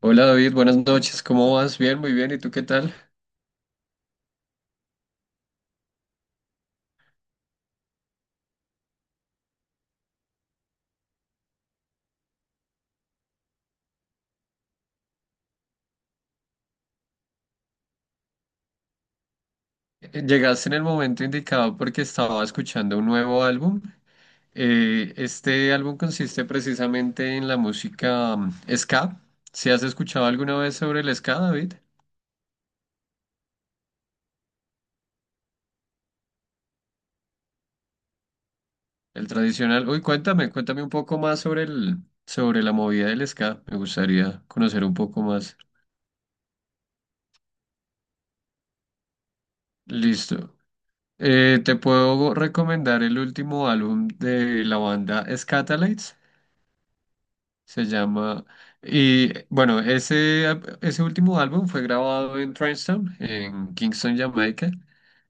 Hola David, buenas noches, ¿cómo vas? Bien, muy bien, ¿y tú qué tal? Llegaste en el momento indicado porque estaba escuchando un nuevo álbum. Este álbum consiste precisamente en la música ska. ¿Si has escuchado alguna vez sobre el ska, David? El tradicional. Uy, cuéntame un poco más sobre sobre la movida del ska. Me gustaría conocer un poco más. Listo. Te puedo recomendar el último álbum de la banda Scatalites. Se llama... Y bueno, ese último álbum fue grabado en Trenchtown, en Kingston, Jamaica,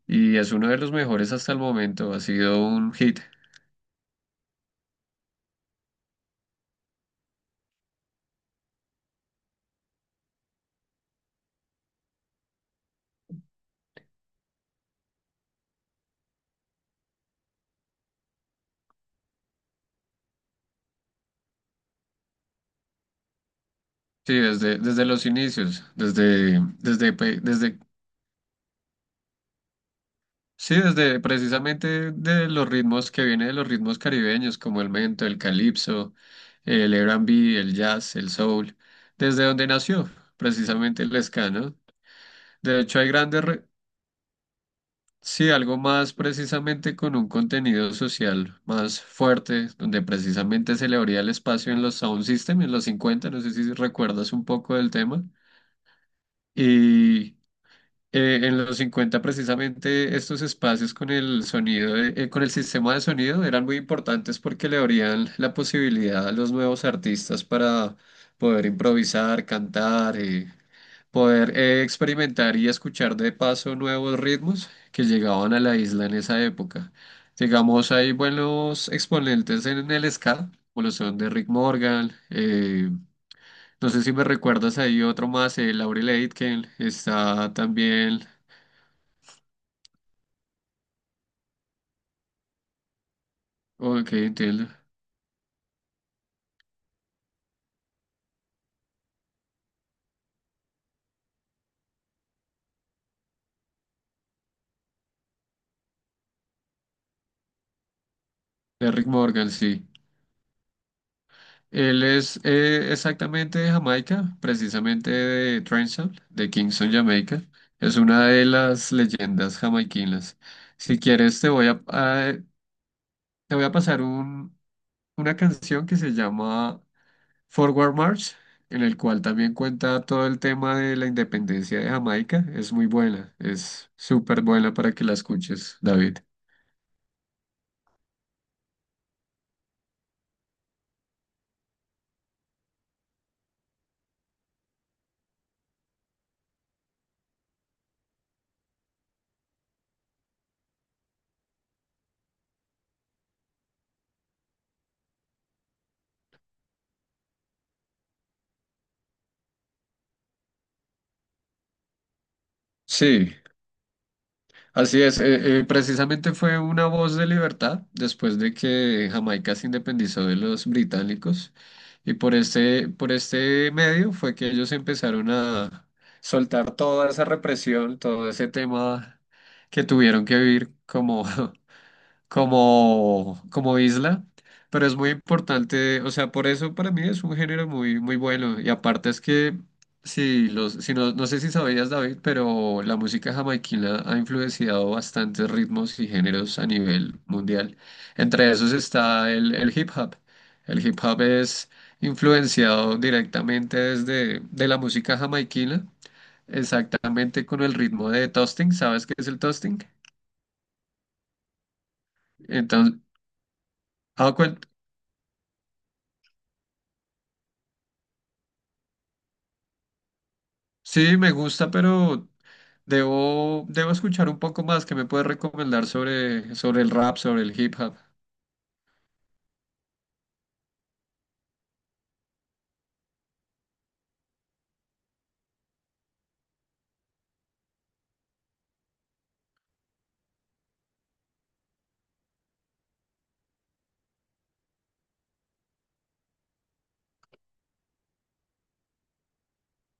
y es uno de los mejores hasta el momento. Ha sido un hit. Sí, desde los inicios, sí, desde precisamente de los ritmos que viene de los ritmos caribeños, como el mento, el calipso, el R&B, el jazz, el soul, desde donde nació precisamente el ska, ¿no? De hecho, sí, algo más precisamente con un contenido social más fuerte, donde precisamente se le abría el espacio en los sound system en los 50. No sé si recuerdas un poco del tema. Y en los 50 precisamente estos espacios con el sonido, con el sistema de sonido eran muy importantes porque le abrían la posibilidad a los nuevos artistas para poder improvisar, cantar. Poder experimentar y escuchar de paso nuevos ritmos que llegaban a la isla en esa época. Digamos, hay buenos exponentes en el ska, como lo son de Rick Morgan, no sé si me recuerdas ahí otro más, Laurel Aitken, está también, ok, entiendo, de Rick Morgan, sí. Él es exactamente de Jamaica, precisamente de Trenchard, de Kingston, Jamaica. Es una de las leyendas jamaiquinas. Si quieres, te voy a pasar una canción que se llama Forward March, en el cual también cuenta todo el tema de la independencia de Jamaica. Es muy buena, es súper buena para que la escuches, David. Sí. Así es, precisamente fue una voz de libertad después de que Jamaica se independizó de los británicos y por este medio fue que ellos empezaron a soltar toda esa represión, todo ese tema que tuvieron que vivir como como isla, pero es muy importante, o sea, por eso para mí es un género muy, muy bueno. Y aparte es que, si los, si no, no sé si sabías, David, pero la música jamaiquina ha influenciado bastantes ritmos y géneros a nivel mundial. Entre esos está el hip hop. El hip hop es influenciado directamente desde de la música jamaiquina, exactamente con el ritmo de toasting. ¿Sabes qué es el toasting? Entonces, sí, me gusta, pero debo escuchar un poco más. ¿Qué me puedes recomendar sobre, sobre el rap, sobre el hip hop?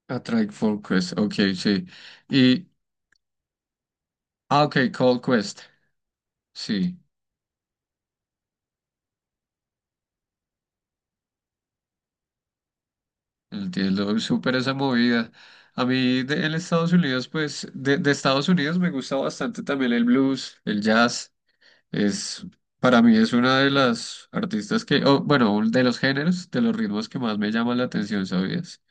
A Tribe Called Quest, ok, sí. Y, ah, ok, Cold Quest, sí, entiendo súper esa movida. A mí de, en Estados Unidos, pues, de Estados Unidos me gusta bastante también el blues, el jazz. Es, para mí es una de las artistas que, oh, bueno, un- de los géneros, de los ritmos que más me llaman la atención, ¿sabías?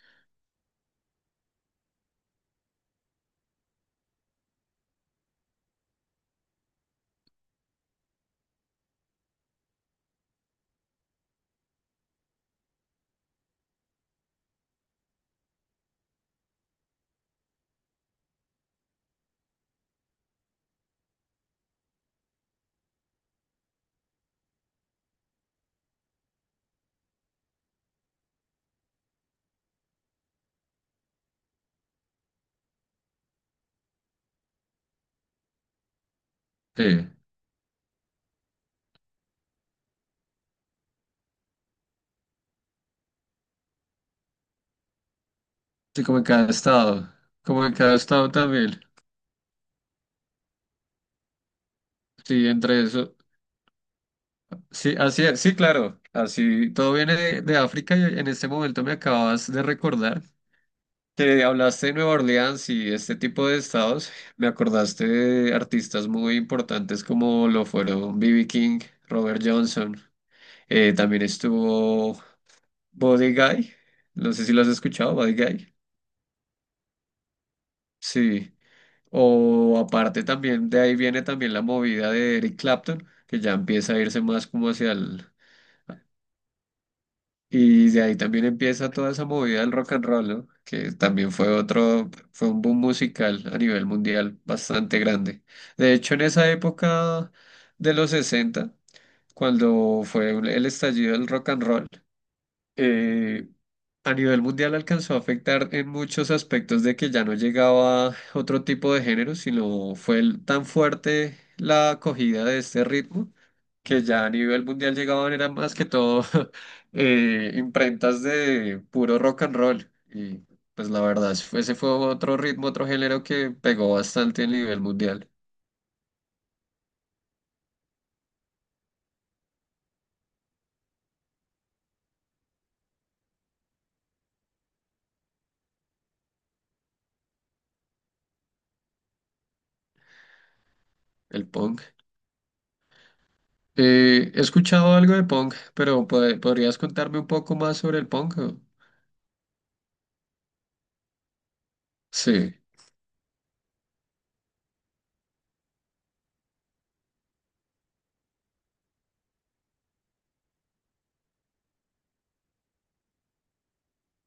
Sí. Sí, como en cada estado. Como en cada estado también. Sí, entre eso. Sí, así es. Sí, claro. Así todo viene de África y en este momento me acabas de recordar que hablaste de Nueva Orleans y este tipo de estados. Me acordaste de artistas muy importantes como lo fueron B.B. King, Robert Johnson. También estuvo Body Guy. No sé si lo has escuchado, Body Guy. Sí. O aparte también, de ahí viene también la movida de Eric Clapton, que ya empieza a irse más como hacia el... Y de ahí también empieza toda esa movida del rock and roll, ¿no? Que también fue otro, fue un boom musical a nivel mundial bastante grande. De hecho, en esa época de los 60 cuando fue el estallido del rock and roll, eh, a nivel mundial alcanzó a afectar en muchos aspectos de que ya no llegaba otro tipo de género, sino tan fuerte la acogida de este ritmo que ya a nivel mundial llegaban eran más que todo imprentas de puro rock and roll. Y pues la verdad, ese fue otro ritmo, otro género que pegó bastante a nivel mundial, el punk. He escuchado algo de punk, pero ¿podrías contarme un poco más sobre el punk? Sí.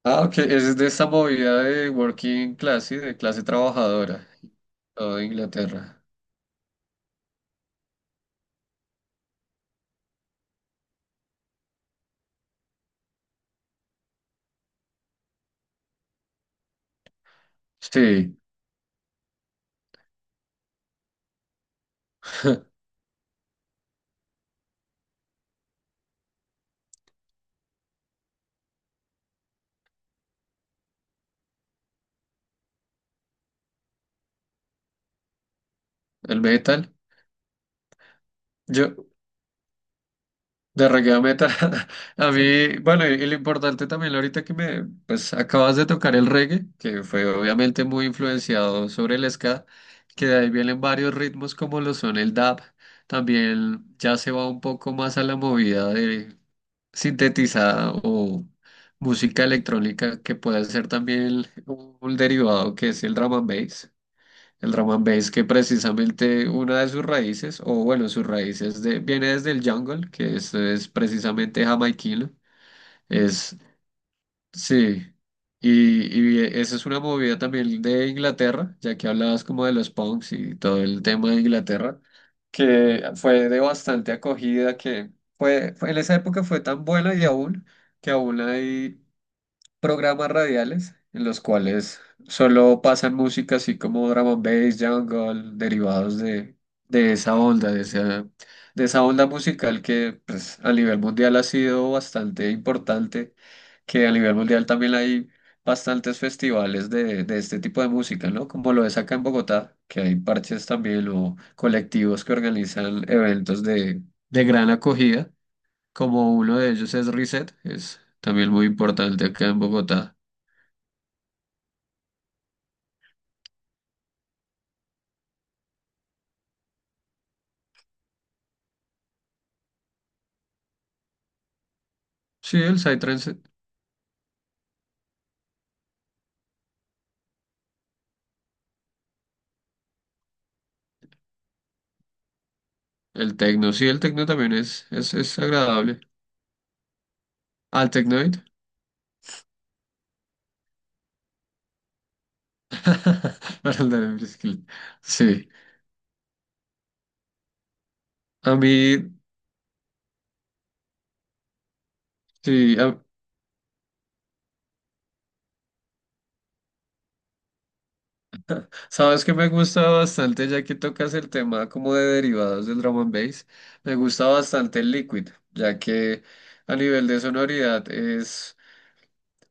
Ah, ok, es de esa movida de working class, ¿sí? De clase trabajadora, o de Inglaterra. Sí, el metal. Yo, de reggae a metal. A mí, bueno, y lo importante también ahorita que me, pues acabas de tocar el reggae, que fue obviamente muy influenciado sobre el ska, que de ahí vienen varios ritmos como lo son el dub. También ya se va un poco más a la movida de sintetizada o música electrónica que puede ser también el- un derivado que es el drum and bass. El drum and bass que precisamente una de sus raíces, o bueno, sus raíces viene desde el jungle, que es precisamente jamaiquino. Es sí, y esa es una movida también de Inglaterra, ya que hablabas como de los punks y todo el tema de Inglaterra, que fue de bastante acogida, que en esa época fue tan buena y aún, que aún hay programas radiales en los cuales solo pasan música así como drum and bass, jungle, derivados de esa onda, de esa, de esa onda musical que pues, a nivel mundial ha sido bastante importante, que a nivel mundial también hay bastantes festivales de este tipo de música, ¿no? Como lo es acá en Bogotá, que hay parches también o colectivos que organizan eventos de gran acogida como uno de ellos es Reset, es también muy importante acá en Bogotá. Sí, el Psytrance, el techno, sí, el techno también es agradable. Al Technoid, para andar en bicicleta. Sí, a mí, sí, a- sabes que me gusta bastante, ya que tocas el tema como de derivados del drum and bass, me gusta bastante el Liquid, ya que a nivel de sonoridad es.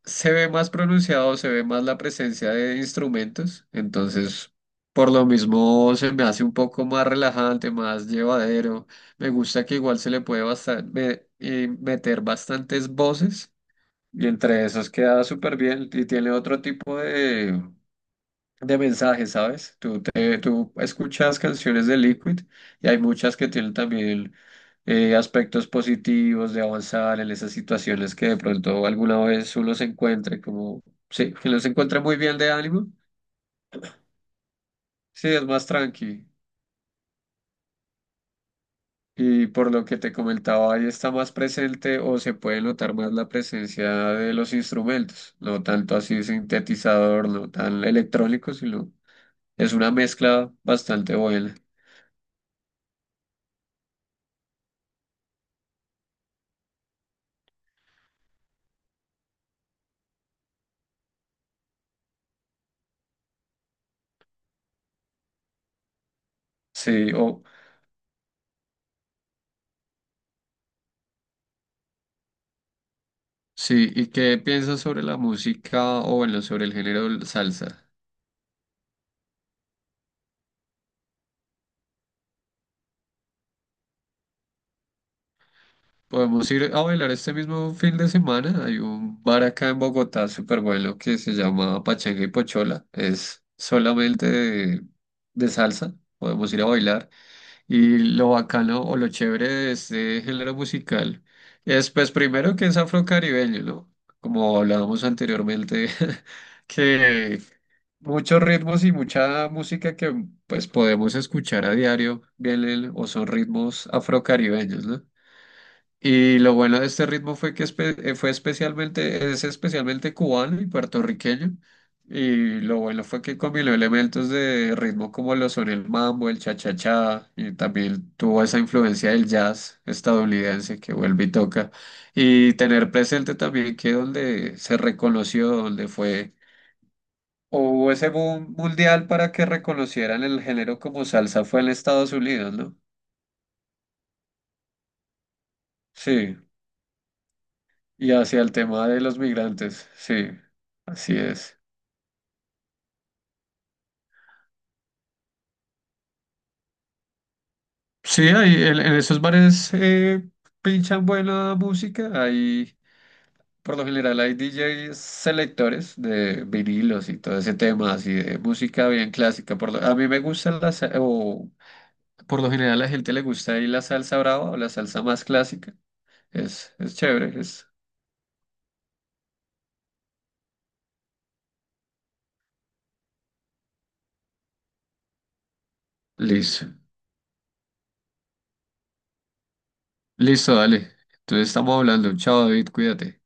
Se ve más pronunciado, se ve más la presencia de instrumentos, entonces por lo mismo se me hace un poco más relajante, más llevadero. Me gusta que igual se le puede meter bastantes voces y entre esas queda súper bien y tiene otro tipo de mensajes, ¿sabes? Tú escuchas canciones de Liquid y hay muchas que tienen también aspectos positivos de avanzar en esas situaciones que de pronto alguna vez uno se encuentre como, sí, que uno se encuentra muy bien de ánimo, sí, es más tranqui. Y por lo que te comentaba, ahí está más presente o se puede notar más la presencia de los instrumentos, no tanto así sintetizador, no tan electrónico, sino es una mezcla bastante buena. Sí, o, sí, ¿y qué piensas sobre la música o bueno, sobre el género del salsa? Podemos ir a bailar este mismo fin de semana. Hay un bar acá en Bogotá súper bueno que se llama Pachanga y Pochola. Es solamente de salsa. Podemos ir a bailar. Y lo bacano o lo chévere de este género musical es, pues, primero que es afrocaribeño, ¿no? Como hablábamos anteriormente, que muchos ritmos y mucha música que pues podemos escuchar a diario, vienen o son ritmos afrocaribeños, ¿no? Y lo bueno de este ritmo fue que fue especialmente, es especialmente cubano y puertorriqueño. Y lo bueno fue que combinó elementos de ritmo como lo son el mambo, el cha-cha-cha, y también tuvo esa influencia del jazz estadounidense que vuelve y toca. Y tener presente también que donde se reconoció, donde fue o ese boom mundial para que reconocieran el género como salsa fue en Estados Unidos, ¿no? Sí, y hacia el tema de los migrantes, sí, así es. Sí, ahí en esos bares pinchan buena música, ahí por lo general hay DJs selectores de vinilos y todo ese tema, así de música bien clásica. A mí me gusta o por lo general a la gente le gusta ahí la salsa brava o la salsa más clásica, es chévere, es liso. Listo, dale. Entonces estamos hablando. Chao, David, cuídate.